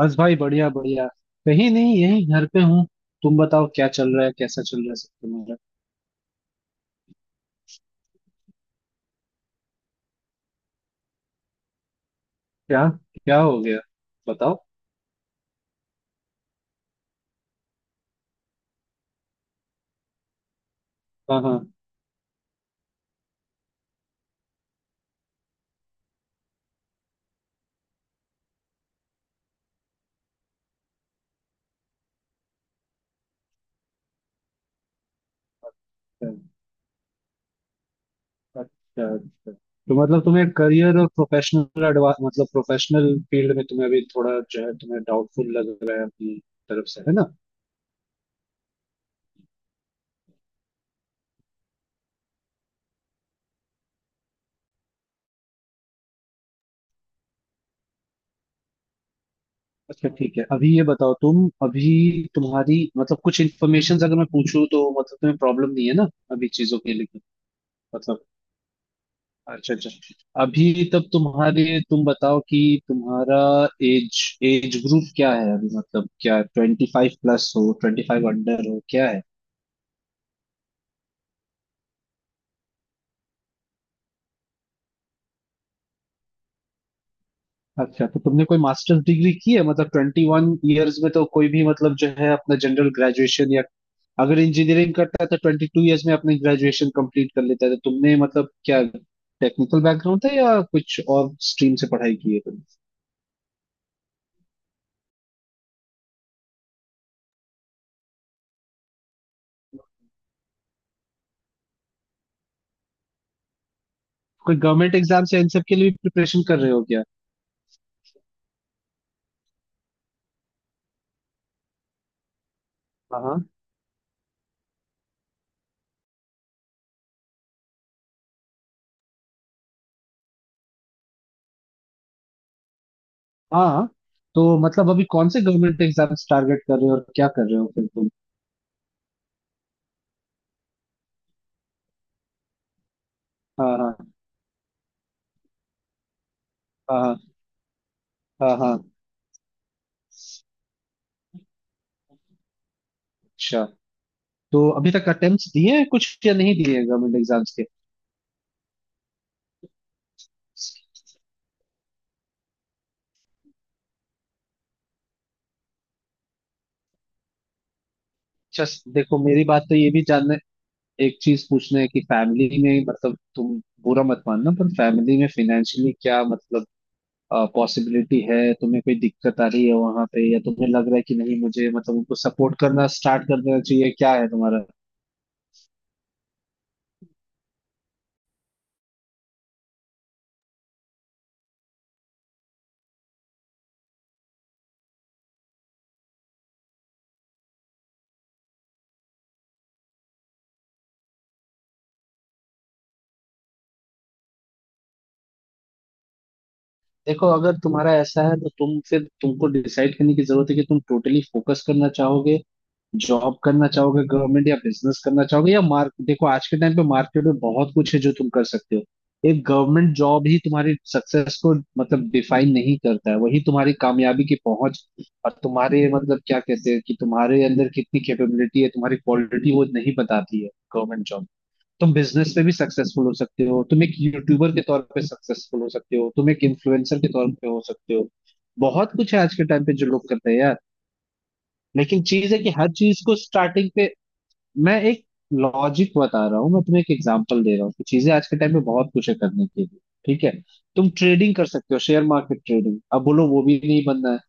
बस भाई, बढ़िया बढ़िया। कहीं नहीं, यही घर पे हूँ। तुम बताओ क्या चल रहा है, कैसा चल रहा है सब तुम्हारा। क्या? क्या हो गया? बताओ। हाँ हाँ। अच्छा। अच्छा अच्छा, तो मतलब तुम्हें करियर और प्रोफेशनल एडवांस मतलब प्रोफेशनल फील्ड में तुम्हें अभी थोड़ा जो है तुम्हें डाउटफुल लग रहा है अपनी तरफ से, है ना? अच्छा ठीक है, अभी ये बताओ, तुम अभी तुम्हारी मतलब कुछ इन्फॉर्मेशन अगर मैं पूछूं, तो मतलब तुम्हें प्रॉब्लम नहीं है ना अभी चीजों के लिए? मतलब अच्छा अच्छा। अभी तब तुम बताओ कि तुम्हारा एज एज ग्रुप क्या है अभी, मतलब क्या 25 प्लस हो, 25 अंडर हो, क्या है? अच्छा, तो तुमने कोई मास्टर्स डिग्री की है? मतलब 21 ईयर्स में तो कोई भी मतलब जो है अपना जनरल ग्रेजुएशन, या अगर इंजीनियरिंग करता है तो 22 ईयर्स में अपनी ग्रेजुएशन कंप्लीट कर लेता है, तो तुमने मतलब क्या टेक्निकल बैकग्राउंड था, या कुछ और स्ट्रीम से पढ़ाई की है तुमने? कोई गवर्नमेंट एग्जाम या इन सब के लिए प्रिपरेशन कर रहे हो क्या? हाँ हाँ हाँ। तो मतलब अभी कौन से गवर्नमेंट एग्जाम्स टारगेट कर रहे हो और क्या कर रहे हो फिर तुम? हाँ हाँ हाँ। हाँ हाँ हाँ। अच्छा, तो अभी तक अटेम्प्ट्स दिए हैं कुछ या नहीं दिए हैं गवर्नमेंट एग्जाम्स के? अच्छा, देखो मेरी बात, तो ये भी जानना एक चीज पूछना है कि फैमिली में मतलब, तुम बुरा मत मानना, पर फैमिली में फाइनेंशियली क्या मतलब पॉसिबिलिटी है, तुम्हें कोई दिक्कत आ रही है वहां पे, या तुम्हें लग रहा है कि नहीं मुझे मतलब उनको सपोर्ट करना स्टार्ट कर देना चाहिए, क्या है? देखो, अगर तुम्हारा ऐसा है, तो तुम फिर तुमको डिसाइड करने की जरूरत है कि तुम टोटली फोकस करना चाहोगे, जॉब करना चाहोगे गवर्नमेंट, या बिजनेस करना चाहोगे, या मार्क देखो आज के टाइम पे मार्केट में बहुत कुछ है जो तुम कर सकते हो। एक गवर्नमेंट जॉब ही तुम्हारी सक्सेस को मतलब डिफाइन नहीं करता है, वही तुम्हारी कामयाबी की पहुंच और तुम्हारे मतलब क्या कहते हैं कि तुम्हारे अंदर कितनी कैपेबिलिटी है, तुम्हारी क्वालिटी वो नहीं बताती है गवर्नमेंट जॉब। तुम बिजनेस में भी सक्सेसफुल हो सकते हो, तुम एक यूट्यूबर के तौर पे सक्सेसफुल हो सकते हो, तुम एक इन्फ्लुएंसर के तौर पे हो सकते हो। बहुत कुछ है आज के टाइम पे जो लोग करते हैं यार। लेकिन चीज है कि हर चीज को स्टार्टिंग पे मैं एक लॉजिक बता रहा हूँ, मैं तुम्हें एक एग्जांपल दे रहा हूँ कि चीजें आज के टाइम में बहुत कुछ है करने के लिए। ठीक है, तुम ट्रेडिंग कर सकते हो, शेयर मार्केट ट्रेडिंग। अब बोलो वो भी नहीं बनना है।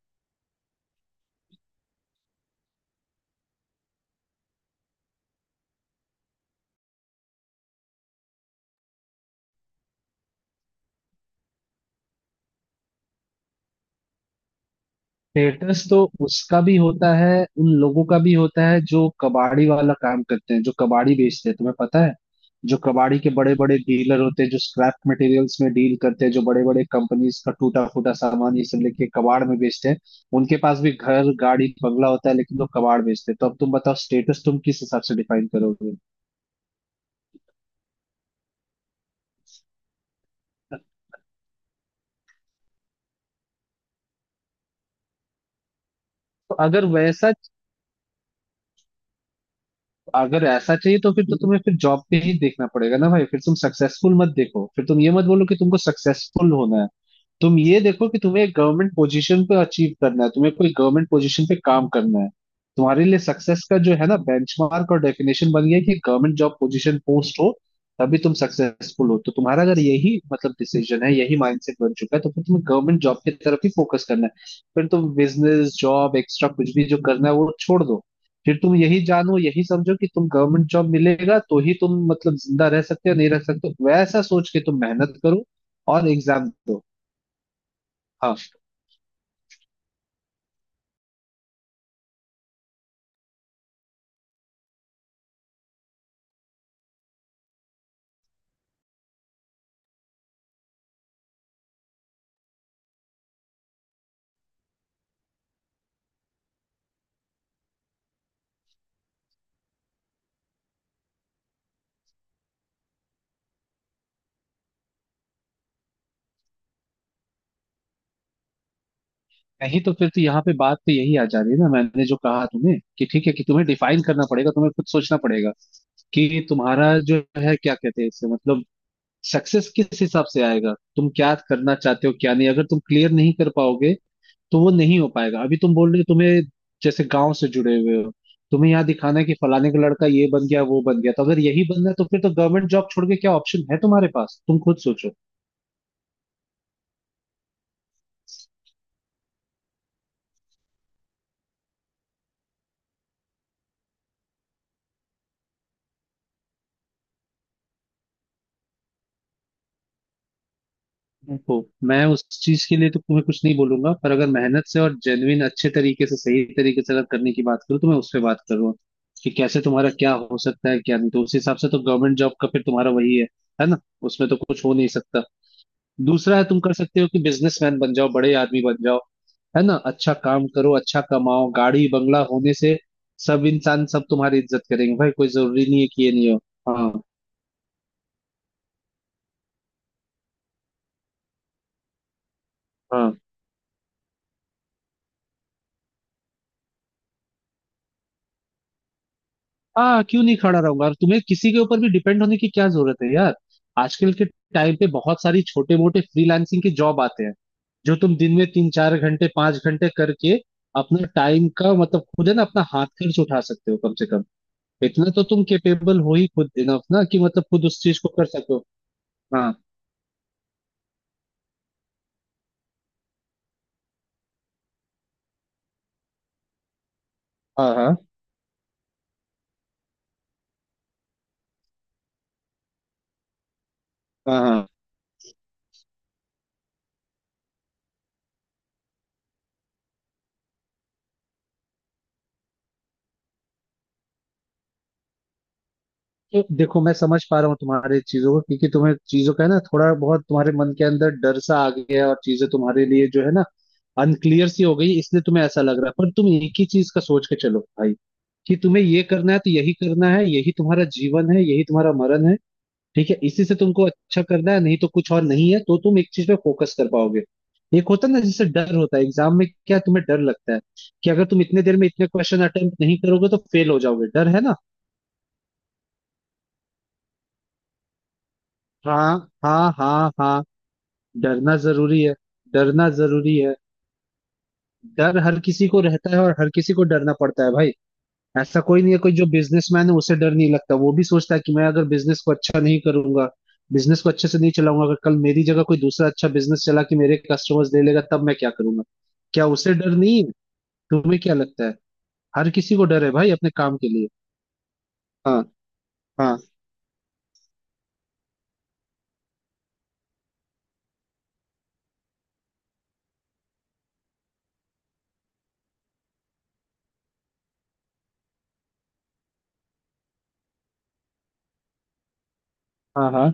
स्टेटस तो उसका भी होता है, उन लोगों का भी होता है जो कबाड़ी वाला काम करते हैं, जो कबाड़ी बेचते हैं, तुम्हें पता है? जो कबाड़ी के बड़े बड़े डीलर होते हैं, जो स्क्रैप मटेरियल्स में डील करते हैं, जो बड़े बड़े कंपनीज का टूटा फूटा सामान ये सब लेके कबाड़ में बेचते हैं, उनके पास भी घर गाड़ी बंगला होता है, लेकिन वो कबाड़ बेचते हैं। तो अब तुम बताओ स्टेटस तुम किस हिसाब से डिफाइन करोगे? तो अगर वैसा अगर ऐसा चाहिए, तो फिर तो तुम्हें फिर जॉब पे ही देखना पड़ेगा ना भाई। फिर तुम सक्सेसफुल मत देखो, फिर तुम ये मत बोलो कि तुमको सक्सेसफुल होना है। तुम ये देखो कि तुम्हें एक गवर्नमेंट पोजीशन पे अचीव करना है, तुम्हें कोई गवर्नमेंट पोजीशन पे काम करना है। तुम्हारे लिए सक्सेस का जो है ना बेंचमार्क और डेफिनेशन बन गया है कि गवर्नमेंट जॉब पोजीशन पोस्ट हो तभी तुम सक्सेसफुल हो, तो तुम्हारा अगर यही मतलब डिसीजन है, यही माइंडसेट बन चुका है, तो फिर तुम्हें गवर्नमेंट जॉब की तरफ ही फोकस करना है। फिर तुम बिजनेस जॉब एक्स्ट्रा कुछ भी जो करना है वो छोड़ दो। फिर तुम यही जानो यही समझो कि तुम गवर्नमेंट जॉब मिलेगा तो ही तुम मतलब जिंदा रह सकते हो, नहीं रह सकते हो, वैसा सोच के तुम मेहनत करो और एग्जाम दो। हाँ। नहीं, तो फिर तो यहाँ पे बात तो यही आ जा रही है ना, मैंने जो कहा तुम्हें कि ठीक है कि तुम्हें डिफाइन करना पड़ेगा, तुम्हें खुद सोचना पड़ेगा कि तुम्हारा जो है क्या कहते हैं इससे मतलब सक्सेस किस हिसाब से आएगा, तुम क्या करना चाहते हो क्या नहीं। अगर तुम क्लियर नहीं कर पाओगे तो वो नहीं हो पाएगा। अभी तुम बोल रहे हो तुम्हें जैसे गांव से जुड़े हुए हो, तुम्हें यहाँ दिखाना है कि फलाने का लड़का ये बन गया वो बन गया, तो अगर यही बनना है, तो फिर तो गवर्नमेंट जॉब छोड़ के क्या ऑप्शन है तुम्हारे पास, तुम खुद सोचो। हम्म। तो मैं उस चीज के लिए तो तुम्हें कुछ नहीं बोलूंगा, पर अगर मेहनत से और जेन्युइन अच्छे तरीके से सही तरीके से अगर करने की बात करूँ, तो मैं उस पर बात कर रहा हूँ कि कैसे तुम्हारा क्या हो सकता है क्या नहीं। तो उस हिसाब से तो गवर्नमेंट जॉब का फिर तुम्हारा वही है ना? उसमें तो कुछ हो नहीं सकता। दूसरा है तुम कर सकते हो कि बिजनेसमैन बन जाओ, बड़े आदमी बन जाओ, है ना? अच्छा काम करो, अच्छा कमाओ। गाड़ी बंगला होने से सब इंसान सब तुम्हारी इज्जत करेंगे भाई, कोई जरूरी नहीं है कि ये नहीं हो। हाँ। हाँ, हाँ क्यों नहीं खड़ा रहूंगा, और तुम्हें किसी के ऊपर भी डिपेंड होने की क्या जरूरत है यार। आजकल के टाइम पे बहुत सारी छोटे मोटे फ्रीलांसिंग के जॉब आते हैं, जो तुम दिन में 3 4 घंटे 5 घंटे करके अपना टाइम का मतलब खुद, है ना, अपना हाथ खर्च उठा सकते हो कम से कम। इतना तो तुम कैपेबल हो ही, खुद इनफ ना कि मतलब खुद उस चीज को कर सको। हाँ हाँ। हाँ हाँ हाँ। तो देखो, मैं समझ पा रहा हूँ तुम्हारे चीजों को, क्योंकि तुम्हें चीजों का, है ना, थोड़ा बहुत तुम्हारे मन के अंदर डर सा आ गया है और चीजें तुम्हारे लिए जो है ना अनक्लियर सी हो गई, इसलिए तुम्हें ऐसा लग रहा है। पर तुम एक ही चीज का सोच के चलो भाई कि तुम्हें ये करना है तो यही करना है, यही तुम्हारा जीवन है, यही तुम्हारा मरण है। ठीक है, इसी से तुमको अच्छा करना है, नहीं तो कुछ और नहीं है, तो तुम एक चीज पे फोकस कर पाओगे। एक होता है ना, जैसे डर होता है एग्जाम में, क्या तुम्हें डर लगता है कि अगर तुम इतने देर में इतने क्वेश्चन अटेम्प्ट नहीं करोगे तो फेल हो जाओगे, डर है ना? हाँ हाँ हाँ हाँ। डरना जरूरी है। डरना जरूरी है। डर हर किसी को रहता है और हर किसी को डरना पड़ता है भाई। ऐसा कोई नहीं है, कोई जो बिजनेसमैन है उसे डर नहीं लगता, वो भी सोचता है कि मैं अगर बिजनेस को अच्छा नहीं करूंगा, बिजनेस को अच्छे से नहीं चलाऊंगा, अगर कल मेरी जगह कोई दूसरा अच्छा बिजनेस चला के मेरे कस्टमर्स ले लेगा तब मैं क्या करूंगा, क्या उसे डर नहीं है? तुम्हें क्या लगता है? हर किसी को डर है भाई अपने काम के लिए। हाँ हाँ। हाँ हाँ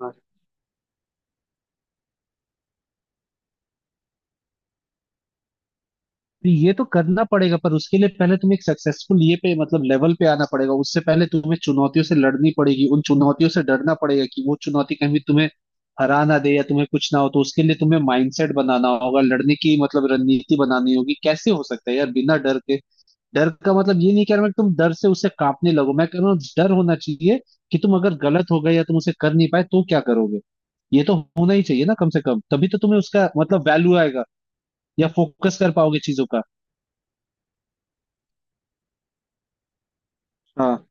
हाँ। तो ये तो करना पड़ेगा, पर उसके लिए पहले तुम्हें एक सक्सेसफुल ये पे मतलब लेवल पे आना पड़ेगा, उससे पहले तुम्हें चुनौतियों से लड़नी पड़ेगी, उन चुनौतियों से डरना पड़ेगा कि वो चुनौती कहीं भी तुम्हें हरा ना दे या तुम्हें कुछ ना हो, तो उसके लिए तुम्हें माइंडसेट बनाना होगा, लड़ने की मतलब रणनीति बनानी होगी। कैसे हो सकता है यार बिना डर के? डर का मतलब ये नहीं कह रहा मैं कि तुम डर से उससे कांपने लगो, मैं कह रहा हूँ डर होना चाहिए कि तुम अगर गलत हो गए या तुम उसे कर नहीं पाए तो क्या करोगे, ये तो होना ही चाहिए ना कम से कम, तभी तो तुम्हें उसका मतलब वैल्यू आएगा या फोकस कर पाओगे चीजों का। हाँ,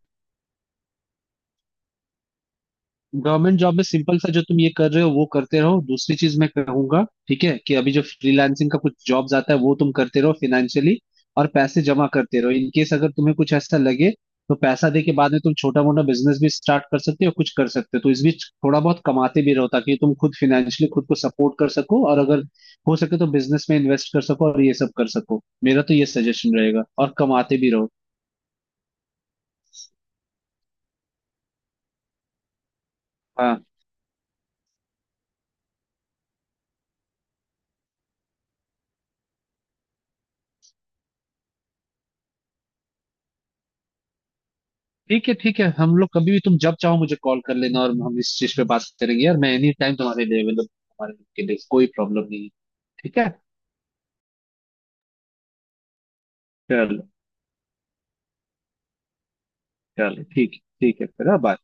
गवर्नमेंट जॉब में सिंपल सा जो तुम ये कर रहे हो वो करते रहो। दूसरी चीज मैं कहूंगा ठीक है, कि अभी जो फ्रीलांसिंग का कुछ जॉब्स आता है वो तुम करते रहो, फाइनेंशियली और पैसे जमा करते रहो, इन केस अगर तुम्हें कुछ ऐसा लगे तो पैसा दे के बाद में तुम छोटा मोटा बिजनेस भी स्टार्ट कर सकते हो, कुछ कर सकते हो। तो इस बीच थोड़ा बहुत कमाते भी रहो ताकि तुम खुद फाइनेंशियली खुद को सपोर्ट कर सको, और अगर हो सके तो बिजनेस में इन्वेस्ट कर सको और ये सब कर सको, मेरा तो ये सजेशन रहेगा, और कमाते भी रहो। हाँ ठीक है ठीक है, हम लोग कभी भी तुम जब चाहो मुझे कॉल कर लेना और हम इस चीज पे बात करेंगे यार। मैं एनी टाइम तुम्हारे लिए अवेलेबल, हमारे के लिए कोई प्रॉब्लम नहीं है। ठीक है। चलो। चलो ठीक है ठीक है, फिर बाय।